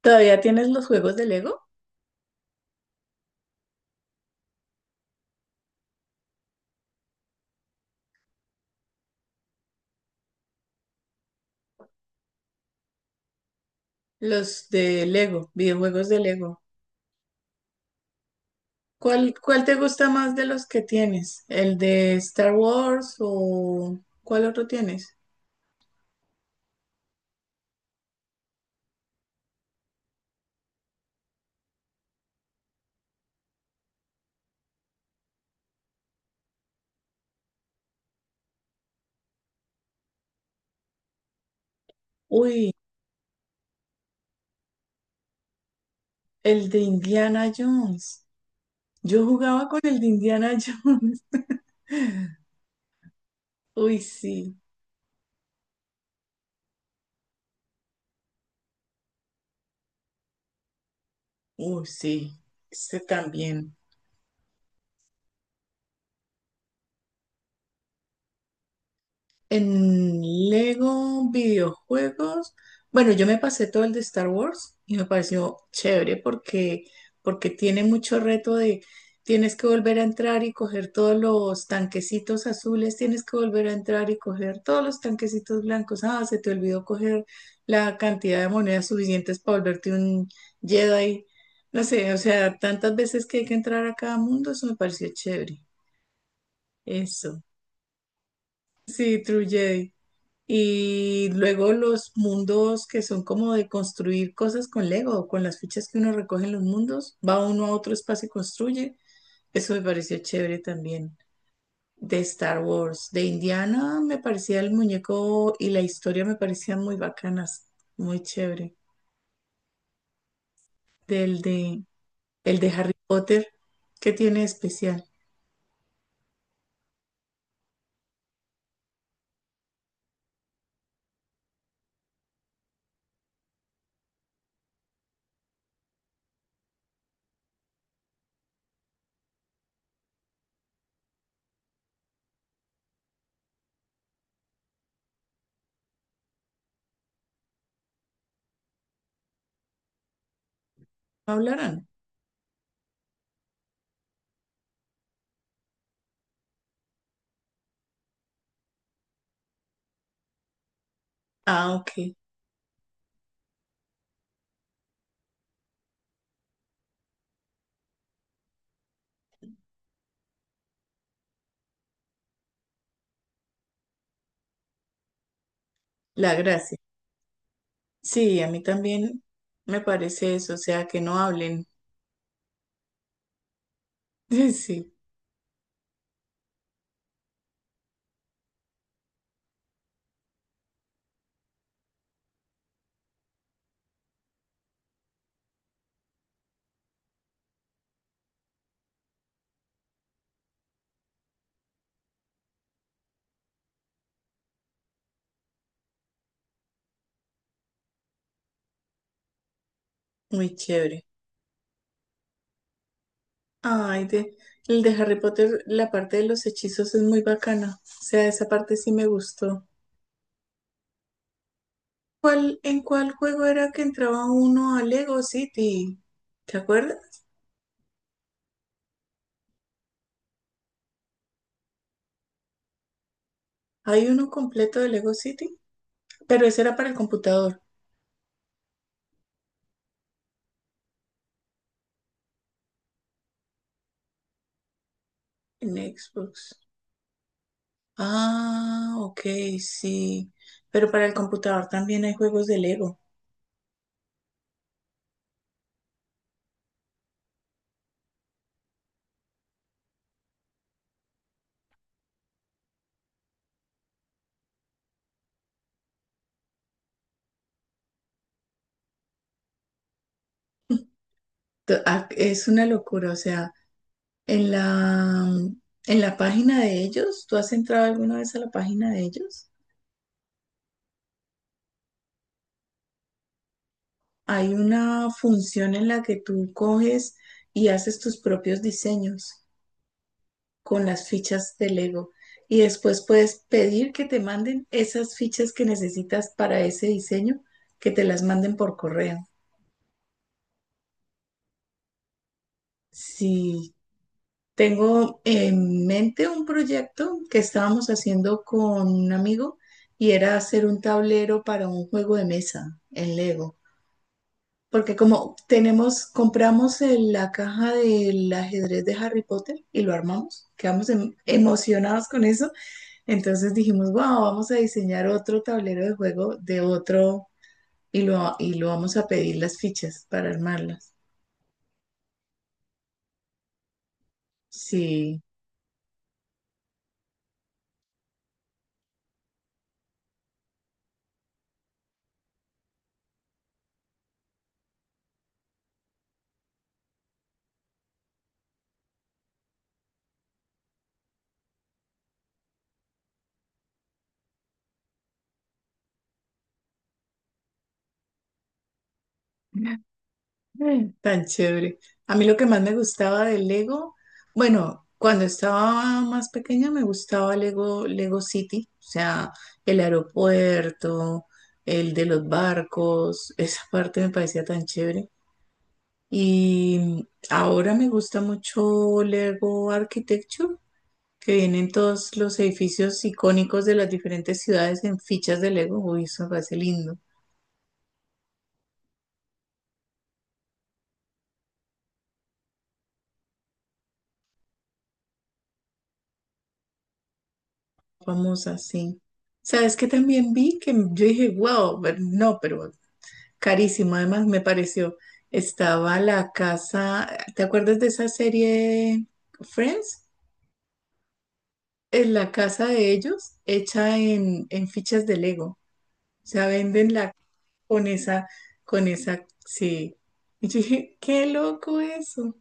¿Todavía tienes los juegos de Lego? Los de Lego, videojuegos de Lego. ¿Cuál te gusta más de los que tienes? ¿El de Star Wars o cuál otro tienes? Uy, el de Indiana Jones. Yo jugaba con el de Indiana Jones. Uy, sí. Uy, sí. Este también. En Lego videojuegos, bueno, yo me pasé todo el de Star Wars y me pareció chévere porque tiene mucho reto de tienes que volver a entrar y coger todos los tanquecitos azules, tienes que volver a entrar y coger todos los tanquecitos blancos. Ah, se te olvidó coger la cantidad de monedas suficientes para volverte un Jedi. No sé, o sea, tantas veces que hay que entrar a cada mundo, eso me pareció chévere. Eso. Sí, True Jedi. Y luego los mundos que son como de construir cosas con Lego, o con las fichas que uno recoge en los mundos, va uno a otro espacio y construye. Eso me pareció chévere también. De Star Wars, de Indiana me parecía el muñeco y la historia me parecían muy bacanas, muy chévere. Del de, el de Harry Potter, ¿qué tiene de especial? ¿No hablarán? Ah, ok. La gracia. Sí, a mí también me parece eso, o sea, que no hablen. Sí, muy chévere. Ay, de, el de Harry Potter, la parte de los hechizos es muy bacana. O sea, esa parte sí me gustó. ¿En cuál juego era que entraba uno a Lego City? ¿Te acuerdas? Hay uno completo de Lego City, pero ese era para el computador, en Xbox. Ah, ok, sí. Pero para el computador también hay juegos de Lego. Es una locura, o sea. En la, en la página de ellos, ¿tú has entrado alguna vez a la página de ellos? Hay una función en la que tú coges y haces tus propios diseños con las fichas de Lego y después puedes pedir que te manden esas fichas que necesitas para ese diseño, que te las manden por correo. Sí, tengo en mente un proyecto que estábamos haciendo con un amigo y era hacer un tablero para un juego de mesa en Lego. Porque como tenemos, compramos la caja del ajedrez de Harry Potter y lo armamos, quedamos emocionados con eso, entonces dijimos, wow, vamos a diseñar otro tablero de juego de otro y lo vamos a pedir las fichas para armarlas. Sí, tan chévere. A mí lo que más me gustaba del Lego, bueno, cuando estaba más pequeña me gustaba Lego City, o sea, el aeropuerto, el de los barcos, esa parte me parecía tan chévere. Y ahora me gusta mucho Lego Architecture, que vienen todos los edificios icónicos de las diferentes ciudades en fichas de Lego. Uy, eso me parece lindo. Famosa, sí. Sabes que también vi que yo dije, wow, pero no, pero carísimo. Además, me pareció, estaba la casa, ¿te acuerdas de esa serie Friends? Es la casa de ellos hecha en fichas de Lego. O sea, venden la con esa, con esa, sí. Y yo dije, qué loco eso.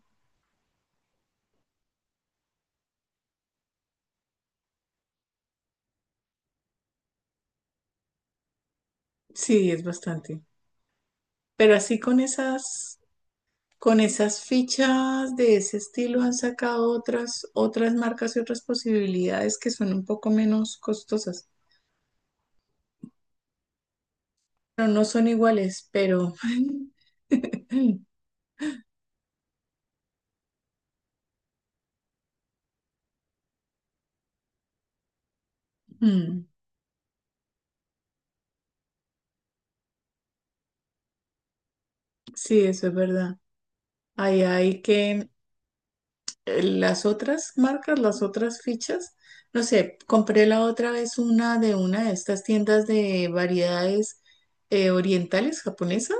Sí, es bastante. Pero así con esas con esas fichas de ese estilo han sacado otras marcas y otras posibilidades que son un poco menos costosas. Pero no son iguales, pero mm, sí, eso es verdad. Ahí hay que las otras marcas, las otras fichas, no sé, compré la otra vez una de estas tiendas de variedades orientales japonesas,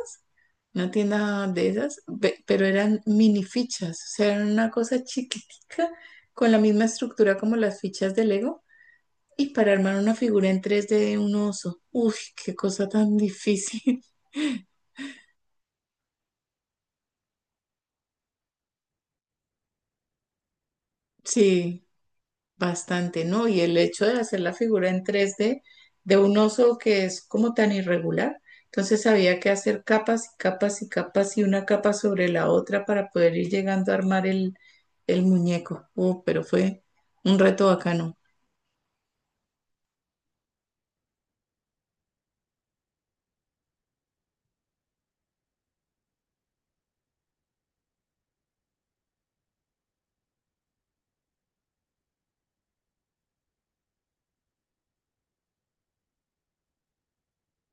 una tienda de esas, pero eran mini fichas, o sea, eran una cosa chiquitica con la misma estructura como las fichas de Lego y para armar una figura en tres d de un oso. Uy, qué cosa tan difícil. Sí. Bastante, ¿no? Y el hecho de hacer la figura en tres d de un oso que es como tan irregular, entonces había que hacer capas y capas y capas y una capa sobre la otra para poder ir llegando a armar el muñeco. Pero fue un reto bacano.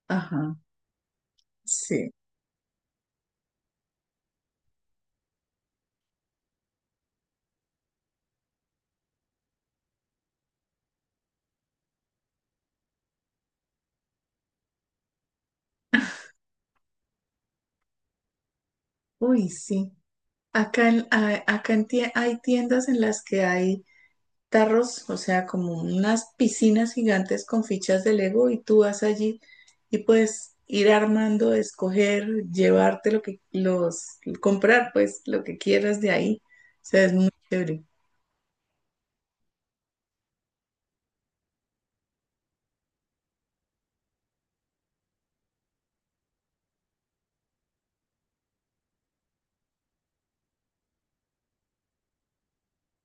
Ajá, sí. Uy, sí. Acá hay tiendas en las que hay tarros, o sea, como unas piscinas gigantes con fichas de Lego y tú vas allí y puedes ir armando, escoger, llevarte lo que los comprar, pues lo que quieras de ahí. O sea, es muy chévere.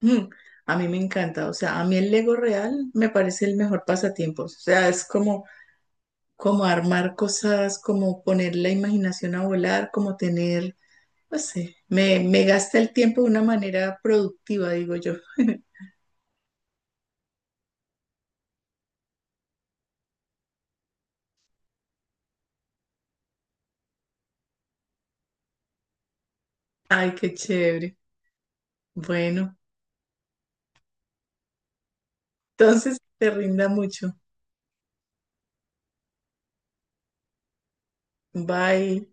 Mm, a mí me encanta, o sea, a mí el Lego real me parece el mejor pasatiempo. O sea, es como como armar cosas, como poner la imaginación a volar, como tener, no sé, me gasta el tiempo de una manera productiva, digo yo. Ay, qué chévere. Bueno, entonces te rinda mucho. Bye.